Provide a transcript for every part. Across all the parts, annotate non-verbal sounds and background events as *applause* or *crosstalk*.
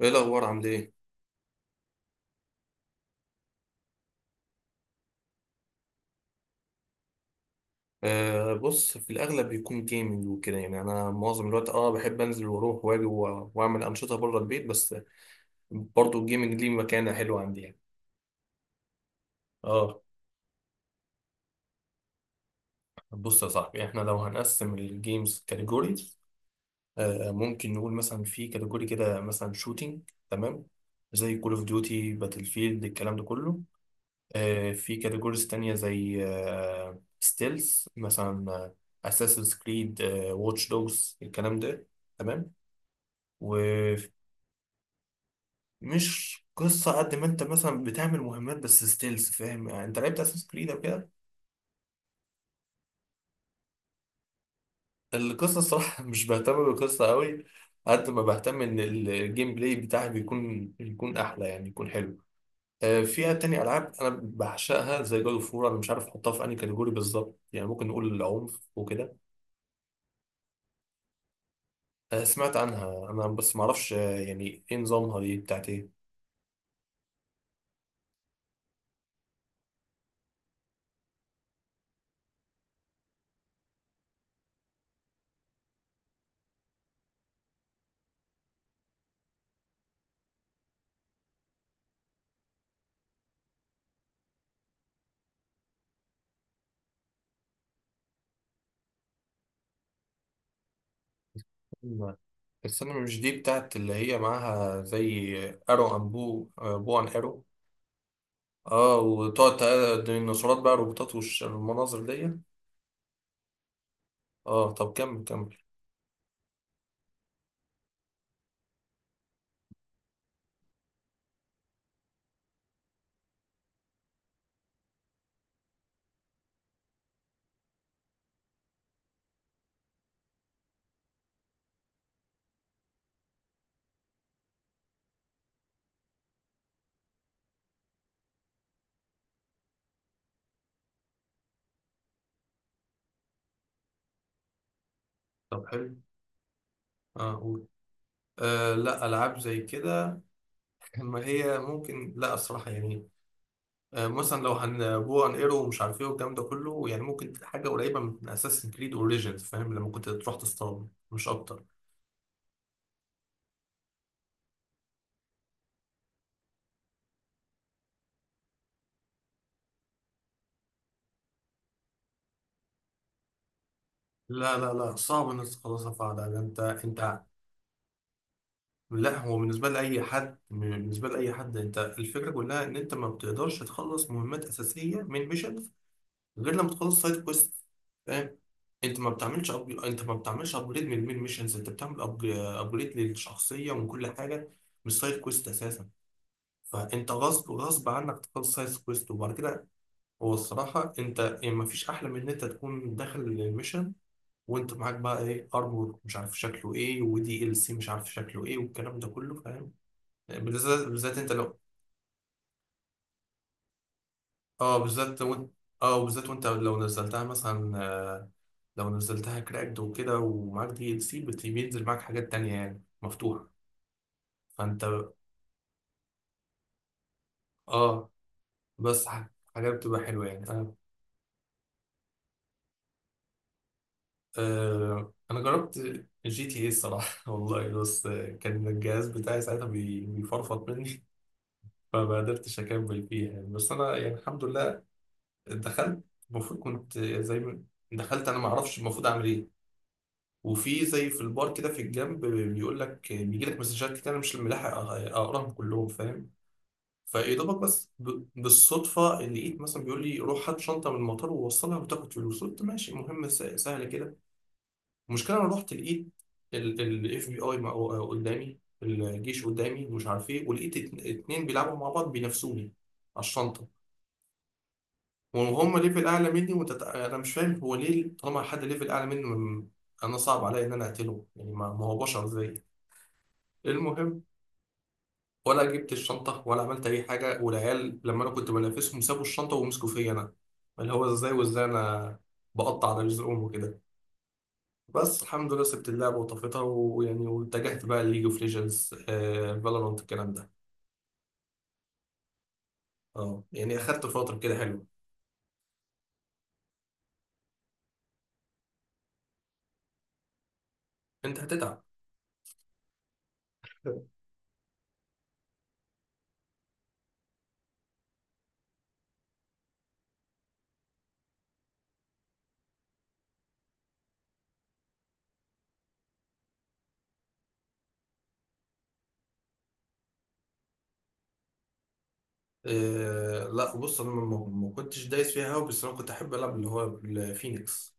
ايه الاخبار؟ عامل ايه؟ بص، في الاغلب بيكون جيمنج وكده. يعني انا معظم الوقت بحب انزل واروح واجي واعمل انشطه بره البيت. بس برضو الجيمنج ليه مكانه حلوه عندي يعني. اه. بص يا صاحبي، احنا لو هنقسم الجيمز كاتيجوريز، ممكن نقول مثلا في كاتيجوري كده مثلا شوتينج، تمام، زي كول اوف ديوتي، باتل فيلد، الكلام ده كله. في كاتيجوريز تانية زي ستيلز مثلا، اساسن كريد، واتش دوجز، الكلام ده. تمام. ومش قصة قد ما انت مثلا بتعمل مهمات، بس ستيلز، فاهم يعني؟ انت لعبت اساس كريد او كده. القصة الصراحة *laughs* مش بهتم بالقصة قوي، قد ما بهتم ان الجيم بلاي بتاعي يكون احلى، يعني يكون حلو. فيها تاني العاب انا بعشقها زي جود اوف وور. انا مش عارف احطها في انهي كاتيجوري بالظبط، يعني ممكن نقول العنف وكده. سمعت عنها انا بس معرفش. يعني ايه نظامها؟ دي بتاعت ايه؟ مم. بس انا مش دي بتاعت اللي هي معاها زي ارو ان بو، بو ان ارو؟ اه، وتقعد الديناصورات بقى روبوتات والمناظر دي. اه طب كمل، كمل. طب حلو، اه قول. لا، العاب زي كده *laughs* ما هي ممكن، لا الصراحه يعني. مثلا لو هنبو ان ايرو ومش عارف ايه والكلام ده كله، يعني ممكن حاجه قريبه من اساسن كريد اوريجينز، فاهم لما كنت تروح تصطاد؟ مش اكتر. لا، صعب انك تخلصها فعلا. ده انت، انت لا، هو بالنسبه لاي حد، بالنسبه لاي حد، انت الفكره كلها ان انت ما بتقدرش تخلص مهمات اساسيه من ميشن غير لما تخلص سايد كويست. فاهم؟ انت ما بتعملش انت ما بتعملش ابجريد من المين ميشنز، انت بتعمل ابجريد للشخصيه ومن كل حاجه، مش سايد كويست اساسا. فانت غصب، غصب عنك تخلص سايد كويست. وبعد كده هو الصراحه، انت يعني ما فيش احلى من ان انت تكون داخل الميشن وانت معاك بقى ايه، ارمور مش عارف شكله ايه، ودي ال سي مش عارف شكله ايه، والكلام ده كله، فاهم؟ بالذات انت لو، اه بالذات وانت، اه بالذات وانت لو نزلتها مثلا، لو نزلتها كراكد وكده ومعاك دي ال سي، بينزل معاك حاجات تانية يعني مفتوحة، فانت، اه. بس ح- حاجات بتبقى حلوة يعني، اه. انا جربت جي تي اي الصراحة *laughs* والله. بس كان الجهاز بتاعي ساعتها بيفرفط مني *laughs* فما قدرتش اكمل فيها يعني. بس انا يعني الحمد لله دخلت، المفروض كنت زي ما، دخلت انا ما اعرفش المفروض اعمل ايه. وفي زي في البار كده في الجنب بيقول لك، بيجي لك مسجات كتير انا مش ملاحق اقراهم كلهم، فاهم؟ فيا دوبك بالصدفة اللي لقيت مثلا بيقول لي روح هات شنطة من المطار ووصلها وتاخد فلوس. قلت ماشي مهمة سهلة كده. المشكلة أنا رحت لقيت الاف بي اي قدامي، الجيش قدامي ومش عارف ايه، ولقيت اتنين بيلعبوا مع بعض بينافسوني على الشنطة، وهم ليفل أعلى مني. أنا مش فاهم، هو ليه طالما حد ليفل أعلى مني أنا صعب عليا إن أنا أقتله، يعني ما هو بشر زيي. المهم، ولا جبت الشنطة ولا عملت أي حاجة. والعيال لما أنا كنت بنافسهم سابوا الشنطة ومسكوا فيا أنا، اللي هو إزاي وإزاي أنا بقطع على رزقهم وكده. بس الحمد لله سبت اللعبة وطفيتها، ويعني واتجهت بقى لليج اوف ليجندز، فالورانت، الكلام ده. اه يعني أخدت فترة كده حلوة. أنت هتتعب. لا بص، أنا ما كنتش دايس فيها أوي، بس أنا كنت أحب ألعب اللي هو الفينيكس.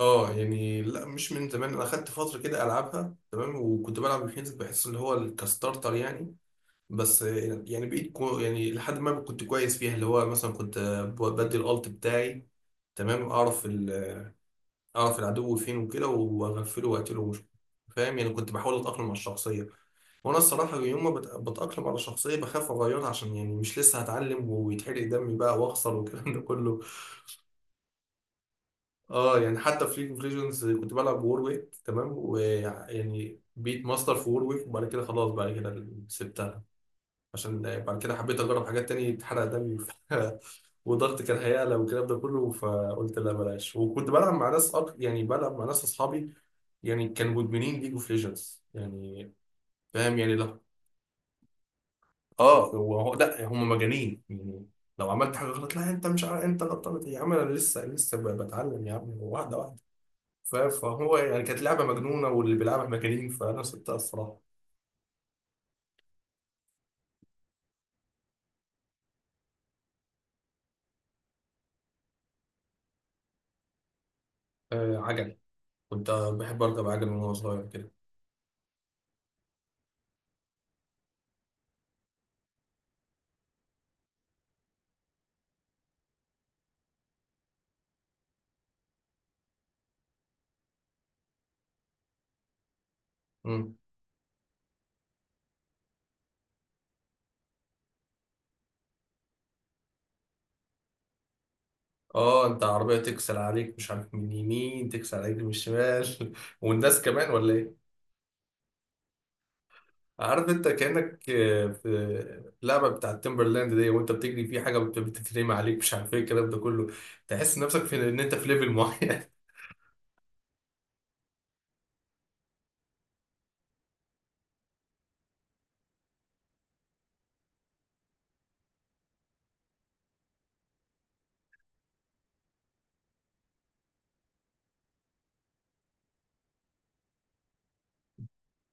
اه يعني، لا مش من زمان، انا اخدت فتره كده العبها تمام، وكنت بلعب الفينيكس، بحس ان هو الكستارتر يعني. بس يعني بقيت كو، يعني لحد ما كنت كويس فيها، اللي هو مثلا كنت بدي الالت بتاعي، تمام، اعرف العدو فين وكده واغفله واقتله، مش فاهم يعني؟ كنت بحاول اتاقلم على الشخصيه. وانا الصراحه يوم ما بتاقلم على الشخصيه بخاف اغيرها، عشان يعني مش لسه هتعلم ويتحرق دمي بقى واخسر والكلام ده كله. اه يعني حتى في ليج اوف ليجندز كنت بلعب وورويك، تمام، ويعني بيت ماستر في وورويك، وبعد كده خلاص بعد كده سبتها. عشان بعد كده حبيت اجرب حاجات تاني، اتحرق دمي *laughs* وضغط كان هيعلى والكلام ده كله، فقلت لا بلاش. وكنت بلعب مع ناس يعني بلعب مع ناس اصحابي، يعني كانوا مدمنين ليج اوف ليجندز يعني، فاهم يعني؟ لا اه، لا هم مجانين يعني. لو عملت حاجه غلط، لا انت مش عارف انت غلطان يا عم، انا لسه بتعلم يا عم، واحده واحده. فهو يعني كانت لعبه مجنونه واللي بيلعبها مجانين، فانا سبتها الصراحه. آه، عجل، كنت بحب اركب عجل من وانا صغير كده. اه، انت عربية تكسر عليك مش عارف، من اليمين تكسر عليك من الشمال *laughs* والناس كمان، ولا ايه؟ عارف انت كأنك في اللعبة بتاع تيمبرلاند دي، وانت بتجري في حاجة بتترمي عليك مش عارف ايه الكلام ده كله، تحس نفسك في ان انت في ليفل معين *laughs*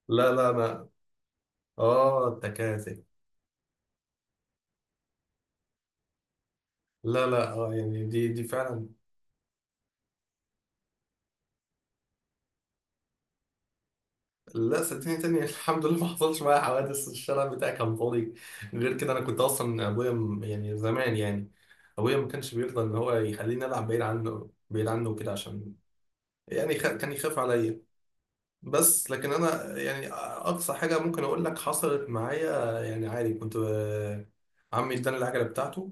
لا لا انا، اه التكاتك. لا لا، اه يعني دي دي فعلا. لا صدقني تاني *laughs* الحمد لله ما حصلش معايا حوادث، الشارع بتاعي كان فاضي. غير كده انا كنت اصلا، ابويا يعني زمان يعني، ابويا ما كانش بيرضى ان هو يخليني العب بعيد عنه، بعيد عنه وكده، عشان يعني كان يخاف عليا. بس لكن انا يعني اقصى حاجه ممكن اقول لك حصلت معايا، يعني عادي، كنت عمي اداني العجله بتاعته،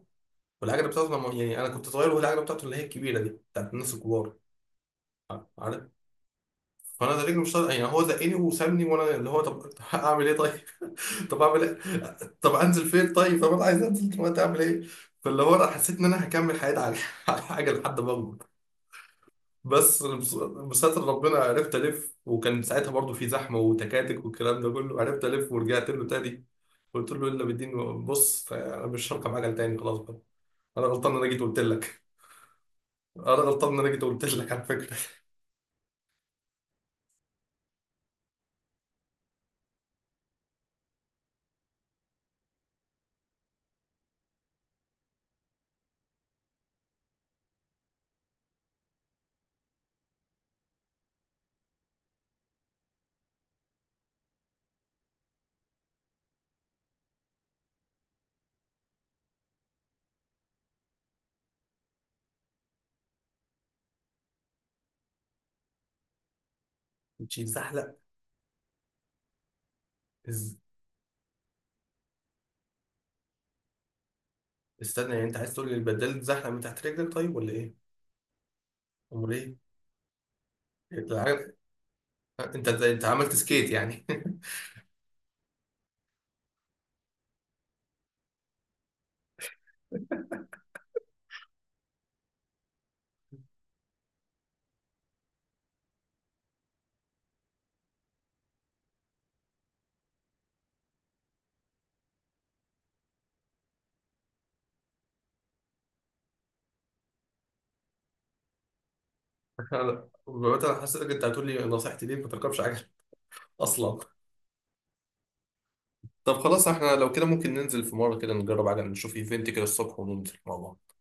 والعجله يعني انا كنت صغير وهو العجله بتاعته اللي هي الكبيره دي بتاعت الناس الكبار، عارف؟ فانا ده رجلي مش طايق- يعني هو زقني وسابني، وانا اللي هو طب *laughs* هعمل ايه طيب؟ *laughs* طب اعمل ايه؟ طب انزل فين طيب؟ طب انا عايز انزل دلوقتي، اعمل ايه؟ فاللي هو انا حسيت ان انا هكمل حياتي على *laughs* على حاجه لحد ما اكبر. بستر ربنا عرفت الف. وكان ساعتها برضو في زحمه وتكاتك والكلام ده كله، عرفت الف ورجعت له تاني. قلت له الا بالدين بص، انا مش هركب عجل تاني خلاص بقى، انا غلطان ان انا جيت قلت لك، انا غلطان ان انا جيت قلت لك على فكره. *laughs* مش زحلق. إز- استنى، يعني انت عايز تقول لي البدال اتزحلق من تحت رجلك، طيب ولا ايه؟ امال ايه؟ العجل- انت انت عملت سكيت يعني؟ *laughs* انا مثلا حسيتك انت هتقول لي نصيحتي ليك ما تركبش عجل *laughs* اصلا. طب خلاص، احنا لو كده ممكن ننزل في مره كده نجرب عجل، نشوف ايفنت كده الصبح وننزل مع بعض.